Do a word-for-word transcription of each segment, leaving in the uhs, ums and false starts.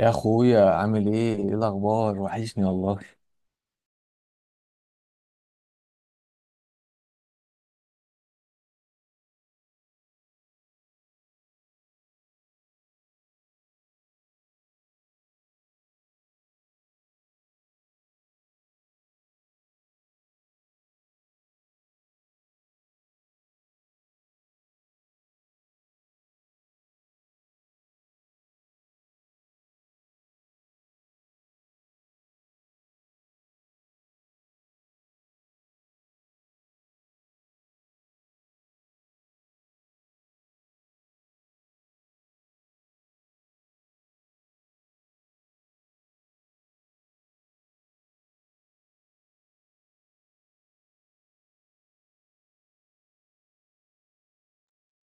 يا اخويا، عامل ايه؟ ايه الاخبار؟ وحشني والله.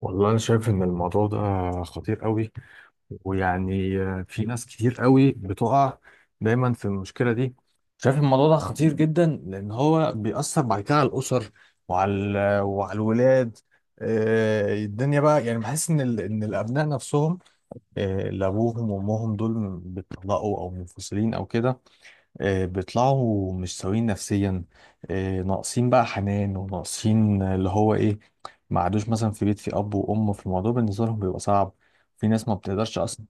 والله أنا شايف إن الموضوع ده خطير قوي، ويعني في ناس كتير قوي بتقع دايما في المشكلة دي. شايف الموضوع ده خطير جدا، لأن هو بيأثر بعد كده على الأسر، وعلى ال- وعلى الولاد. آه، الدنيا بقى يعني بحس إن ال- إن الأبناء نفسهم، آه، اللي أبوهم وأمهم دول بيتطلقوا أو منفصلين أو كده، آه، بيطلعوا مش سويين نفسيا، آه، ناقصين بقى حنان، وناقصين اللي هو ايه. ما عادوش مثلا في بيت، في اب وام، في الموضوع بالنسبه لهم بيبقى صعب، في ناس ما بتقدرش اصلا.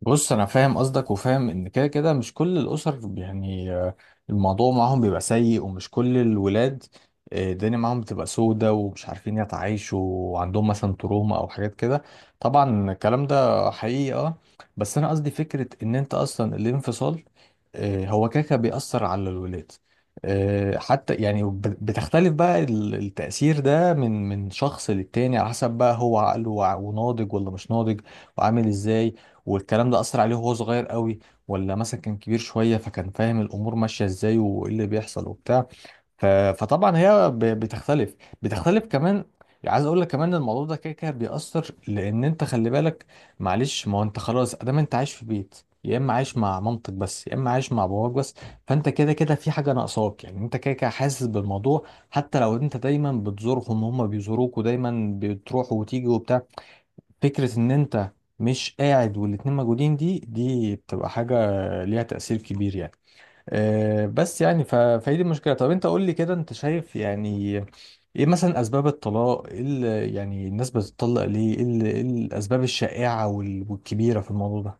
بص، انا فاهم قصدك، وفاهم ان كده كده مش كل الاسر يعني، آه، الموضوع معاهم بيبقى سيء، ومش كل الولاد آه، الدنيا معاهم بتبقى سودة، ومش عارفين يتعايشوا، وعندهم مثلا تروما او حاجات كده. طبعا الكلام ده حقيقي، اه بس انا قصدي فكرة ان انت اصلا الانفصال آه، هو كده كده بيأثر على الولاد، آه، حتى يعني بت- بتختلف بقى، ال- التأثير ده من من شخص للتاني، على حسب بقى هو عقله وع- وناضج ولا مش ناضج، وعامل ازاي، والكلام ده أثر عليه وهو صغير قوي، ولا مثلا كان كبير شوية فكان فاهم الأمور ماشية إزاي وإيه اللي بيحصل وبتاع. ف... فطبعا هي ب... بتختلف، بتختلف كمان. عايز اقول لك كمان إن الموضوع ده كده كده بيأثر، لان انت خلي بالك، معلش ما هو انت خلاص ادام انت عايش في بيت، يا اما عايش مع مامتك بس، يا اما عايش مع باباك بس، فانت كده كده في حاجه ناقصاك، يعني انت كده كده حاسس بالموضوع، حتى لو انت دايما بتزورهم، هم بيزوروك، ودايما بتروح وتيجي وبتاع. فكرة ان انت مش قاعد والاتنين موجودين، دي دي بتبقى حاجة ليها تأثير كبير، يعني. أه بس يعني ف... فهي دي المشكلة. طب انت قول لي كده، انت شايف يعني ايه مثلا اسباب الطلاق؟ ايه ال- يعني الناس بتطلق ليه؟ ايه ال- إيه الاسباب الشائعة وال... والكبيرة في الموضوع ده؟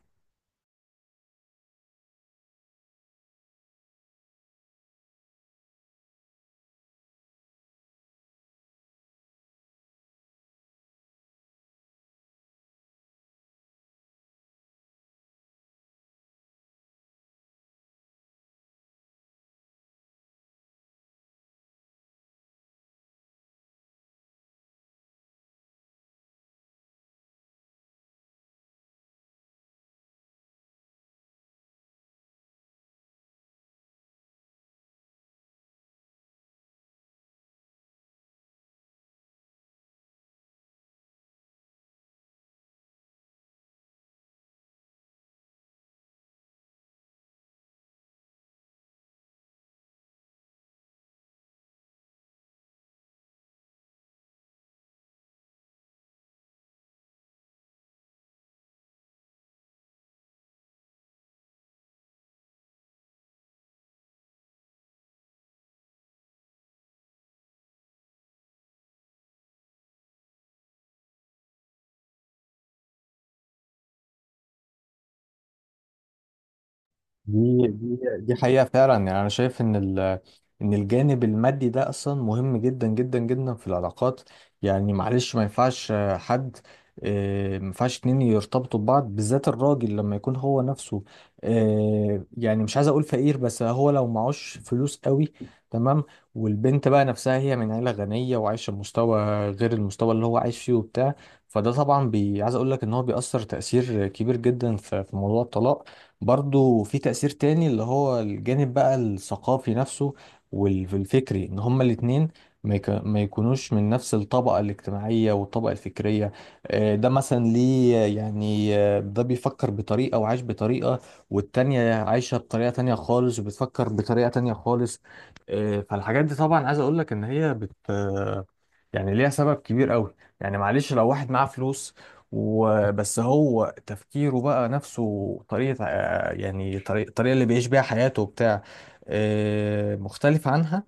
دي دي دي حقيقة فعلا، يعني أنا شايف إن ال إن الجانب المادي ده أصلا مهم جدا جدا جدا في العلاقات. يعني معلش ما ينفعش آه، حد، آه، ما ينفعش اتنين يرتبطوا ببعض، بالذات الراجل لما يكون هو نفسه آه، يعني مش عايز أقول فقير، بس هو لو معهوش فلوس قوي، تمام، والبنت بقى نفسها هي من عيلة غنية وعايشة بمستوى غير المستوى اللي هو عايش فيه وبتاع. فده طبعا بي عايز أقول لك إن هو بيأثر تأثير كبير جدا في في موضوع الطلاق. برضو في تأثير تاني، اللي هو الجانب بقى الثقافي نفسه، وال- والفكري، ان هما الاتنين ما يك- ما يكونوش من نفس الطبقة الاجتماعية والطبقة الفكرية. آه، ده مثلا ليه؟ يعني آه، ده بيفكر بطريقة وعايش بطريقة، والتانية عايشة بطريقة تانية خالص، وبتفكر بطريقة تانية خالص. آه، فالحاجات دي طبعا عايز اقولك ان هي بت آه، يعني ليها سبب كبير قوي. يعني معلش لو واحد معاه فلوس وبس، هو تفكيره بقى نفسه طريقة، آه، يعني طريقة الطريقة اللي بيعيش بيها حياته وبتاع آه، مختلف عنها،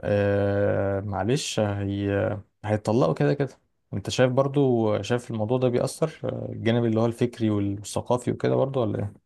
آه، معلش هي هيتطلقوا كده كده. انت شايف برضو، شايف الموضوع ده بيأثر آه، الجانب اللي هو الفكري والثقافي وكده، برضو ولا ايه؟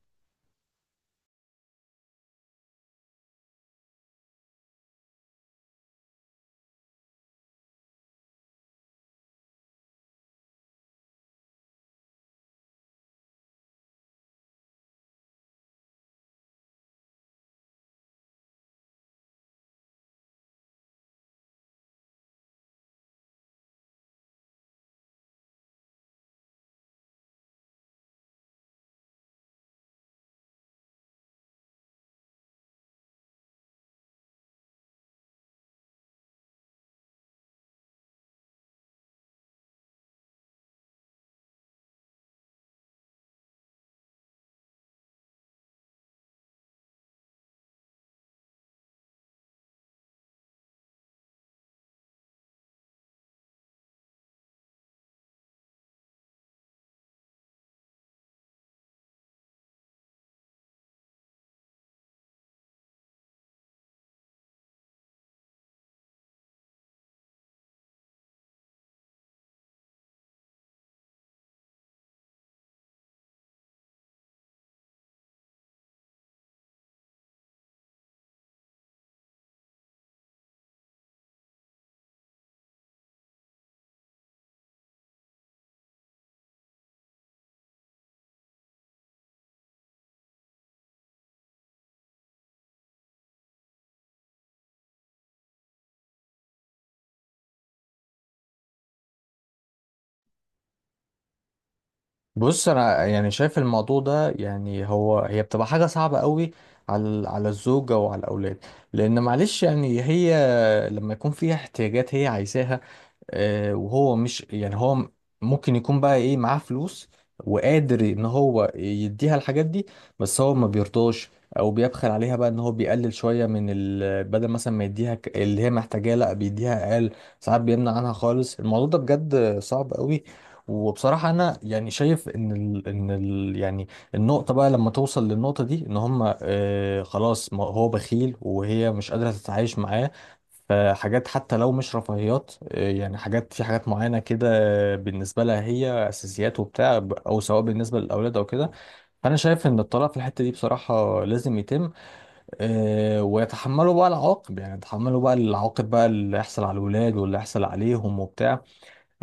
بص انا يعني شايف الموضوع ده، يعني هو هي بتبقى حاجه صعبه قوي على على الزوجه وعلى الاولاد، لان معلش يعني هي لما يكون فيها احتياجات هي عايزاها، آه، وهو مش يعني هو م- ممكن يكون بقى ايه معاه فلوس وقادر ان هو يديها الحاجات دي، بس هو ما بيرضاش، او بيبخل عليها، بقى ان هو بيقلل شويه من ال... بدل مثلا ما يديها، ك- اللي هي محتاجاه، لا بيديها اقل، ساعات بيمنع عنها خالص. الموضوع ده بجد صعب قوي. وبصراحة أنا يعني شايف إن ال إن ال يعني النقطة بقى لما توصل للنقطة دي، إن هما آه خلاص، ما هو بخيل وهي مش قادرة تتعايش معاه، فحاجات حتى لو مش رفاهيات، آه يعني حاجات، في حاجات معينة كده، آه، بالنسبة لها هي أساسيات وبتاع، ب- أو سواء بالنسبة للأولاد أو كده، فأنا شايف إن الطلاق في الحتة دي بصراحة لازم يتم، آه ويتحملوا بقى العواقب، يعني يتحملوا بقى العواقب بقى، اللي يحصل على الولاد واللي يحصل عليهم وبتاع.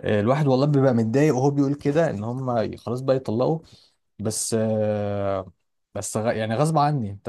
آه، الواحد والله بيبقى متضايق وهو بيقول كده ان هم خلاص بقى يطلقوا، بس آه، بس غ- يعني غصب عني انت.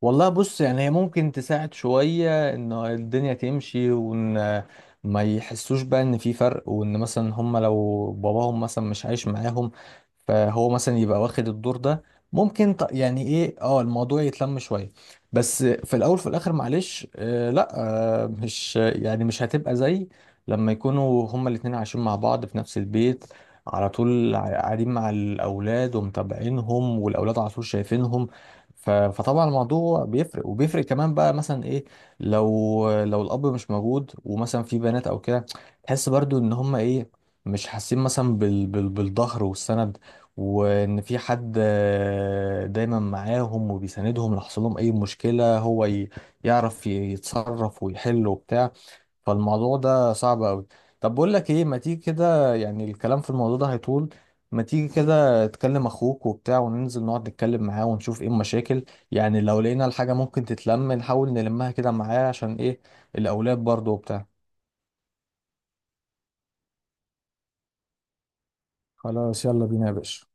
والله بص، يعني هي ممكن تساعد شوية ان الدنيا تمشي، وان ما يحسوش بقى ان في فرق، وان مثلا هم لو باباهم مثلا مش عايش معاهم، فهو مثلا يبقى واخد الدور ده، ممكن ط- يعني ايه، اه الموضوع يتلم شوية، بس في الاول في الاخر معلش آه لا، آه مش يعني مش هتبقى زي لما يكونوا هما الاتنين عايشين مع بعض في نفس البيت، على طول ع- قاعدين مع الاولاد ومتابعينهم، والاولاد على طول شايفينهم. ف- فطبعا الموضوع بيفرق، وبيفرق كمان بقى مثلا ايه، لو لو الاب مش موجود ومثلا في بنات او كده، تحس برضو ان هم ايه، مش حاسين مثلا بال بال بالظهر والسند، وان في حد آه، دايما معاهم وبيساندهم لو حصل لهم اي مشكله، هو ي- يعرف يتصرف ويحل وبتاع. فالموضوع ده صعب قوي. طب بقول لك ايه، ما تيجي كده، يعني الكلام في الموضوع ده هيطول، ما تيجي كده تكلم اخوك وبتاع، وننزل نقعد نتكلم معاه ونشوف ايه المشاكل، يعني لو لقينا الحاجة ممكن تتلم نحاول نلمها كده معاه، عشان ايه، الاولاد برضه وبتاع. خلاص يلا بينا يا باشا.